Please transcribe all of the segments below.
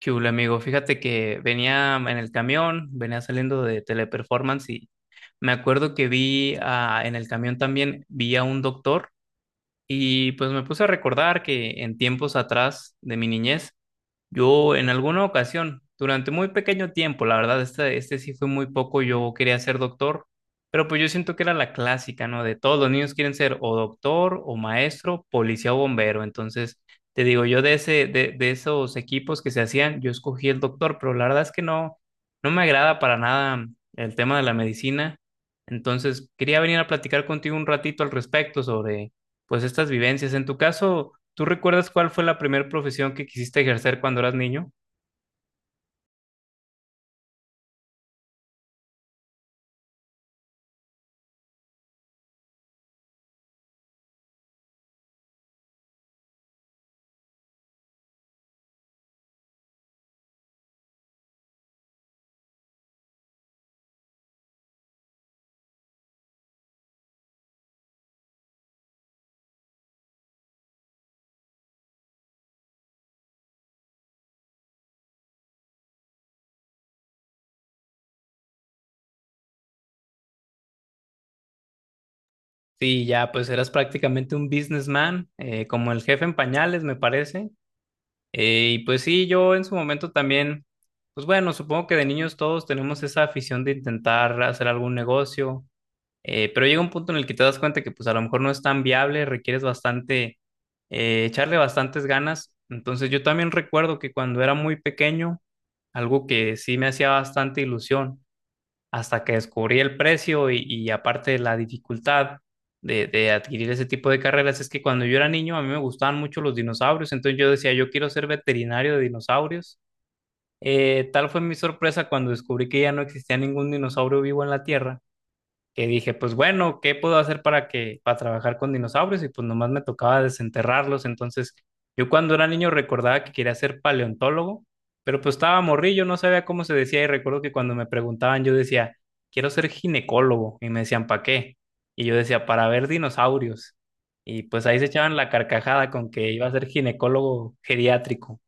¿Qué hubo, amigo? Fíjate que venía en el camión, venía saliendo de Teleperformance y me acuerdo que en el camión también, vi a un doctor. Y pues me puse a recordar que en tiempos atrás de mi niñez yo en alguna ocasión, durante muy pequeño tiempo, la verdad, este sí fue muy poco, yo quería ser doctor, pero pues yo siento que era la clásica, ¿no? De todos los niños quieren ser o doctor o maestro, policía o bombero. Entonces, te digo, yo de esos equipos que se hacían, yo escogí el doctor, pero la verdad es que no, no me agrada para nada el tema de la medicina. Entonces, quería venir a platicar contigo un ratito al respecto sobre, pues, estas vivencias. En tu caso. ¿Tú recuerdas cuál fue la primera profesión que quisiste ejercer cuando eras niño? Sí, ya, pues eras prácticamente un businessman, como el jefe en pañales, me parece. Y pues sí, yo en su momento también, pues bueno, supongo que de niños todos tenemos esa afición de intentar hacer algún negocio, pero llega un punto en el que te das cuenta que pues a lo mejor no es tan viable, requieres bastante, echarle bastantes ganas. Entonces yo también recuerdo que cuando era muy pequeño, algo que sí me hacía bastante ilusión hasta que descubrí el precio y aparte la dificultad de adquirir ese tipo de carreras es que cuando yo era niño a mí me gustaban mucho los dinosaurios, entonces yo decía, yo quiero ser veterinario de dinosaurios. Tal fue mi sorpresa cuando descubrí que ya no existía ningún dinosaurio vivo en la Tierra, que dije, pues bueno, ¿qué puedo hacer para que para trabajar con dinosaurios? Y pues nomás me tocaba desenterrarlos. Entonces, yo cuando era niño recordaba que quería ser paleontólogo, pero pues estaba morrillo, no sabía cómo se decía y recuerdo que cuando me preguntaban yo decía, quiero ser ginecólogo y me decían, ¿para qué? Y yo decía, para ver dinosaurios. Y pues ahí se echaban la carcajada con que iba a ser ginecólogo geriátrico.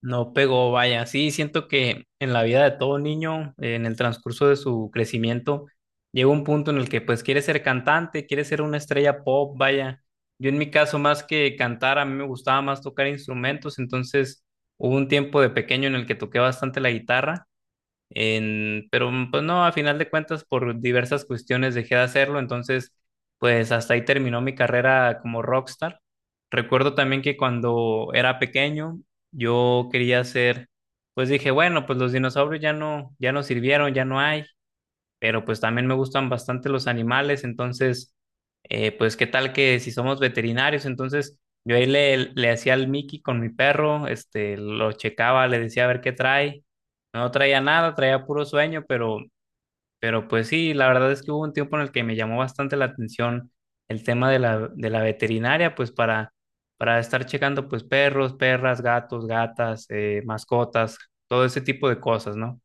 No pegó, vaya. Sí, siento que en la vida de todo niño, en el transcurso de su crecimiento, llega un punto en el que pues quiere ser cantante, quiere ser una estrella pop, vaya. Yo en mi caso, más que cantar, a mí me gustaba más tocar instrumentos, entonces hubo un tiempo de pequeño en el que toqué bastante la guitarra. Pues no, a final de cuentas por diversas cuestiones dejé de hacerlo, entonces pues hasta ahí terminó mi carrera como rockstar. Recuerdo también que cuando era pequeño yo quería ser, pues dije, bueno, pues los dinosaurios ya no, sirvieron, ya no hay, pero pues también me gustan bastante los animales, entonces, pues qué tal que si somos veterinarios. Entonces yo ahí le hacía el Mickey con mi perro, lo checaba, le decía a ver qué trae, no traía nada, traía puro sueño, pero pues sí, la verdad es que hubo un tiempo en el que me llamó bastante la atención el tema de la, veterinaria, pues para estar checando pues perros, perras, gatos, gatas, mascotas, todo ese tipo de cosas, ¿no?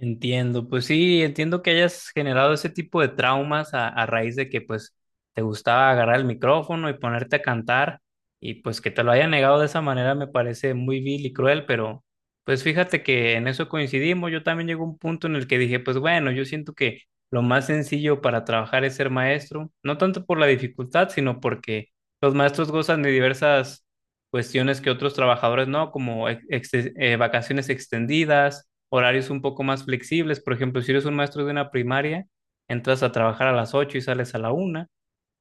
Entiendo, pues sí, entiendo que hayas generado ese tipo de traumas a raíz de que pues te gustaba agarrar el micrófono y ponerte a cantar y pues que te lo hayan negado de esa manera me parece muy vil y cruel, pero pues fíjate que en eso coincidimos, yo también llegó un punto en el que dije, pues bueno, yo siento que lo más sencillo para trabajar es ser maestro, no tanto por la dificultad, sino porque los maestros gozan de diversas cuestiones que otros trabajadores no, como vacaciones extendidas, horarios un poco más flexibles. Por ejemplo, si eres un maestro de una primaria, entras a trabajar a las 8 y sales a la una.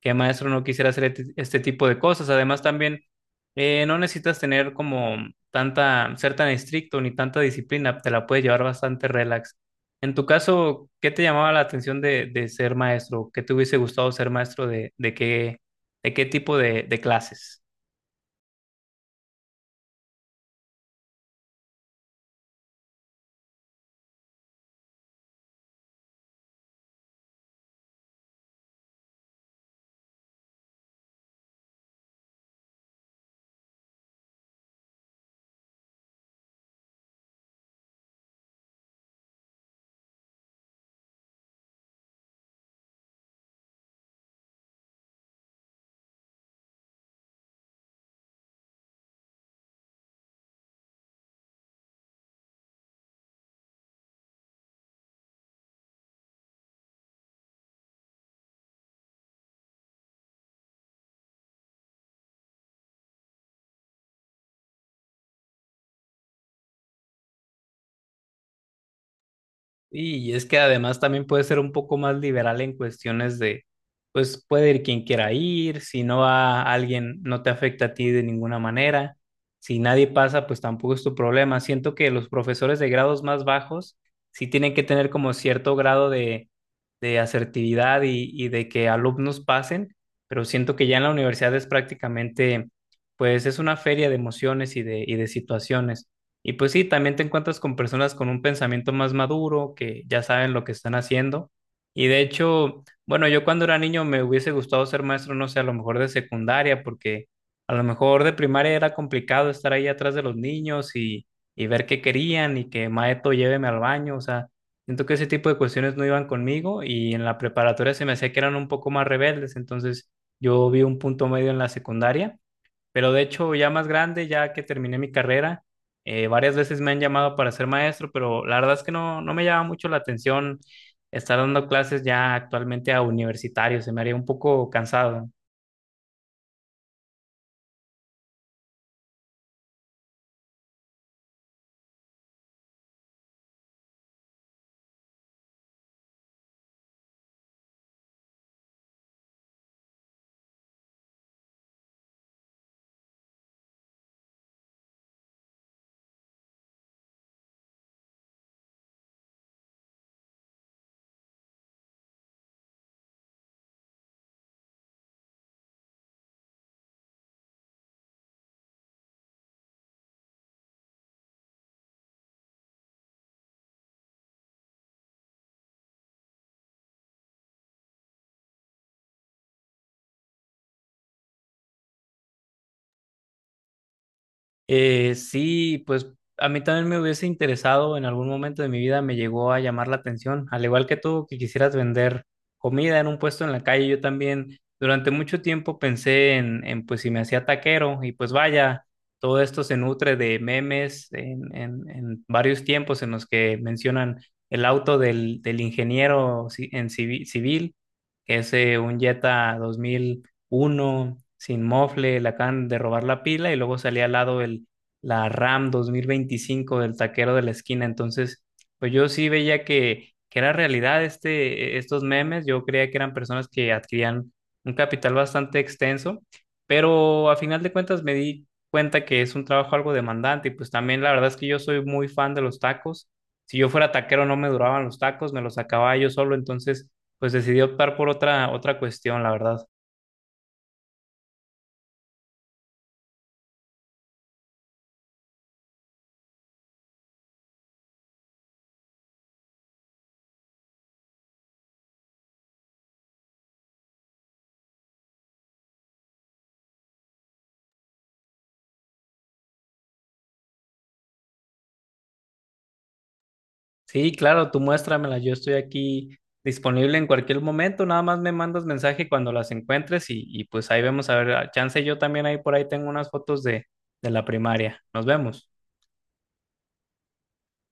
¿Qué maestro no quisiera hacer este tipo de cosas? Además, también no necesitas tener como tanta, ser tan estricto ni tanta disciplina, te la puedes llevar bastante relax. En tu caso, ¿qué te llamaba la atención de, ser maestro? ¿Qué te hubiese gustado ser maestro de qué, de, qué tipo de clases? Y es que además también puede ser un poco más liberal en cuestiones de, pues puede ir quien quiera ir, si no va alguien, no te afecta a ti de ninguna manera, si nadie pasa, pues tampoco es tu problema. Siento que los profesores de grados más bajos sí tienen que tener como cierto grado de, asertividad y de que alumnos pasen, pero siento que ya en la universidad es prácticamente, pues es una feria de emociones y de situaciones. Y pues sí, también te encuentras con personas con un pensamiento más maduro, que ya saben lo que están haciendo. Y de hecho, bueno, yo cuando era niño me hubiese gustado ser maestro, no sé, a lo mejor de secundaria, porque a lo mejor de primaria era complicado estar ahí atrás de los niños y ver qué querían y que maeto lléveme al baño. O sea, siento que ese tipo de cuestiones no iban conmigo y en la preparatoria se me hacía que eran un poco más rebeldes. Entonces yo vi un punto medio en la secundaria. Pero de hecho, ya más grande, ya que terminé mi carrera, varias veces me han llamado para ser maestro, pero la verdad es que no, no me llama mucho la atención estar dando clases ya actualmente a universitarios, se me haría un poco cansado. Sí, pues a mí también me hubiese interesado en algún momento de mi vida, me llegó a llamar la atención, al igual que tú, que quisieras vender comida en un puesto en la calle. Yo también durante mucho tiempo pensé en, pues si me hacía taquero y pues vaya, todo esto se nutre de memes en, varios tiempos en los que mencionan el auto del ingeniero civil, que es un Jetta uno sin mofle, le acaban de robar la pila y luego salía al lado el, la RAM 2025 del taquero de la esquina. Entonces, pues yo sí veía que era realidad estos memes. Yo creía que eran personas que adquirían un capital bastante extenso, pero a final de cuentas me di cuenta que es un trabajo algo demandante y pues también la verdad es que yo soy muy fan de los tacos. Si yo fuera taquero no me duraban los tacos, me los acababa yo solo, entonces pues decidí optar por otra cuestión, la verdad. Sí, claro, tú muéstramela, yo estoy aquí disponible en cualquier momento, nada más me mandas mensaje cuando las encuentres y pues ahí vemos, a ver, a chance yo también ahí por ahí tengo unas fotos de, la primaria. Nos vemos.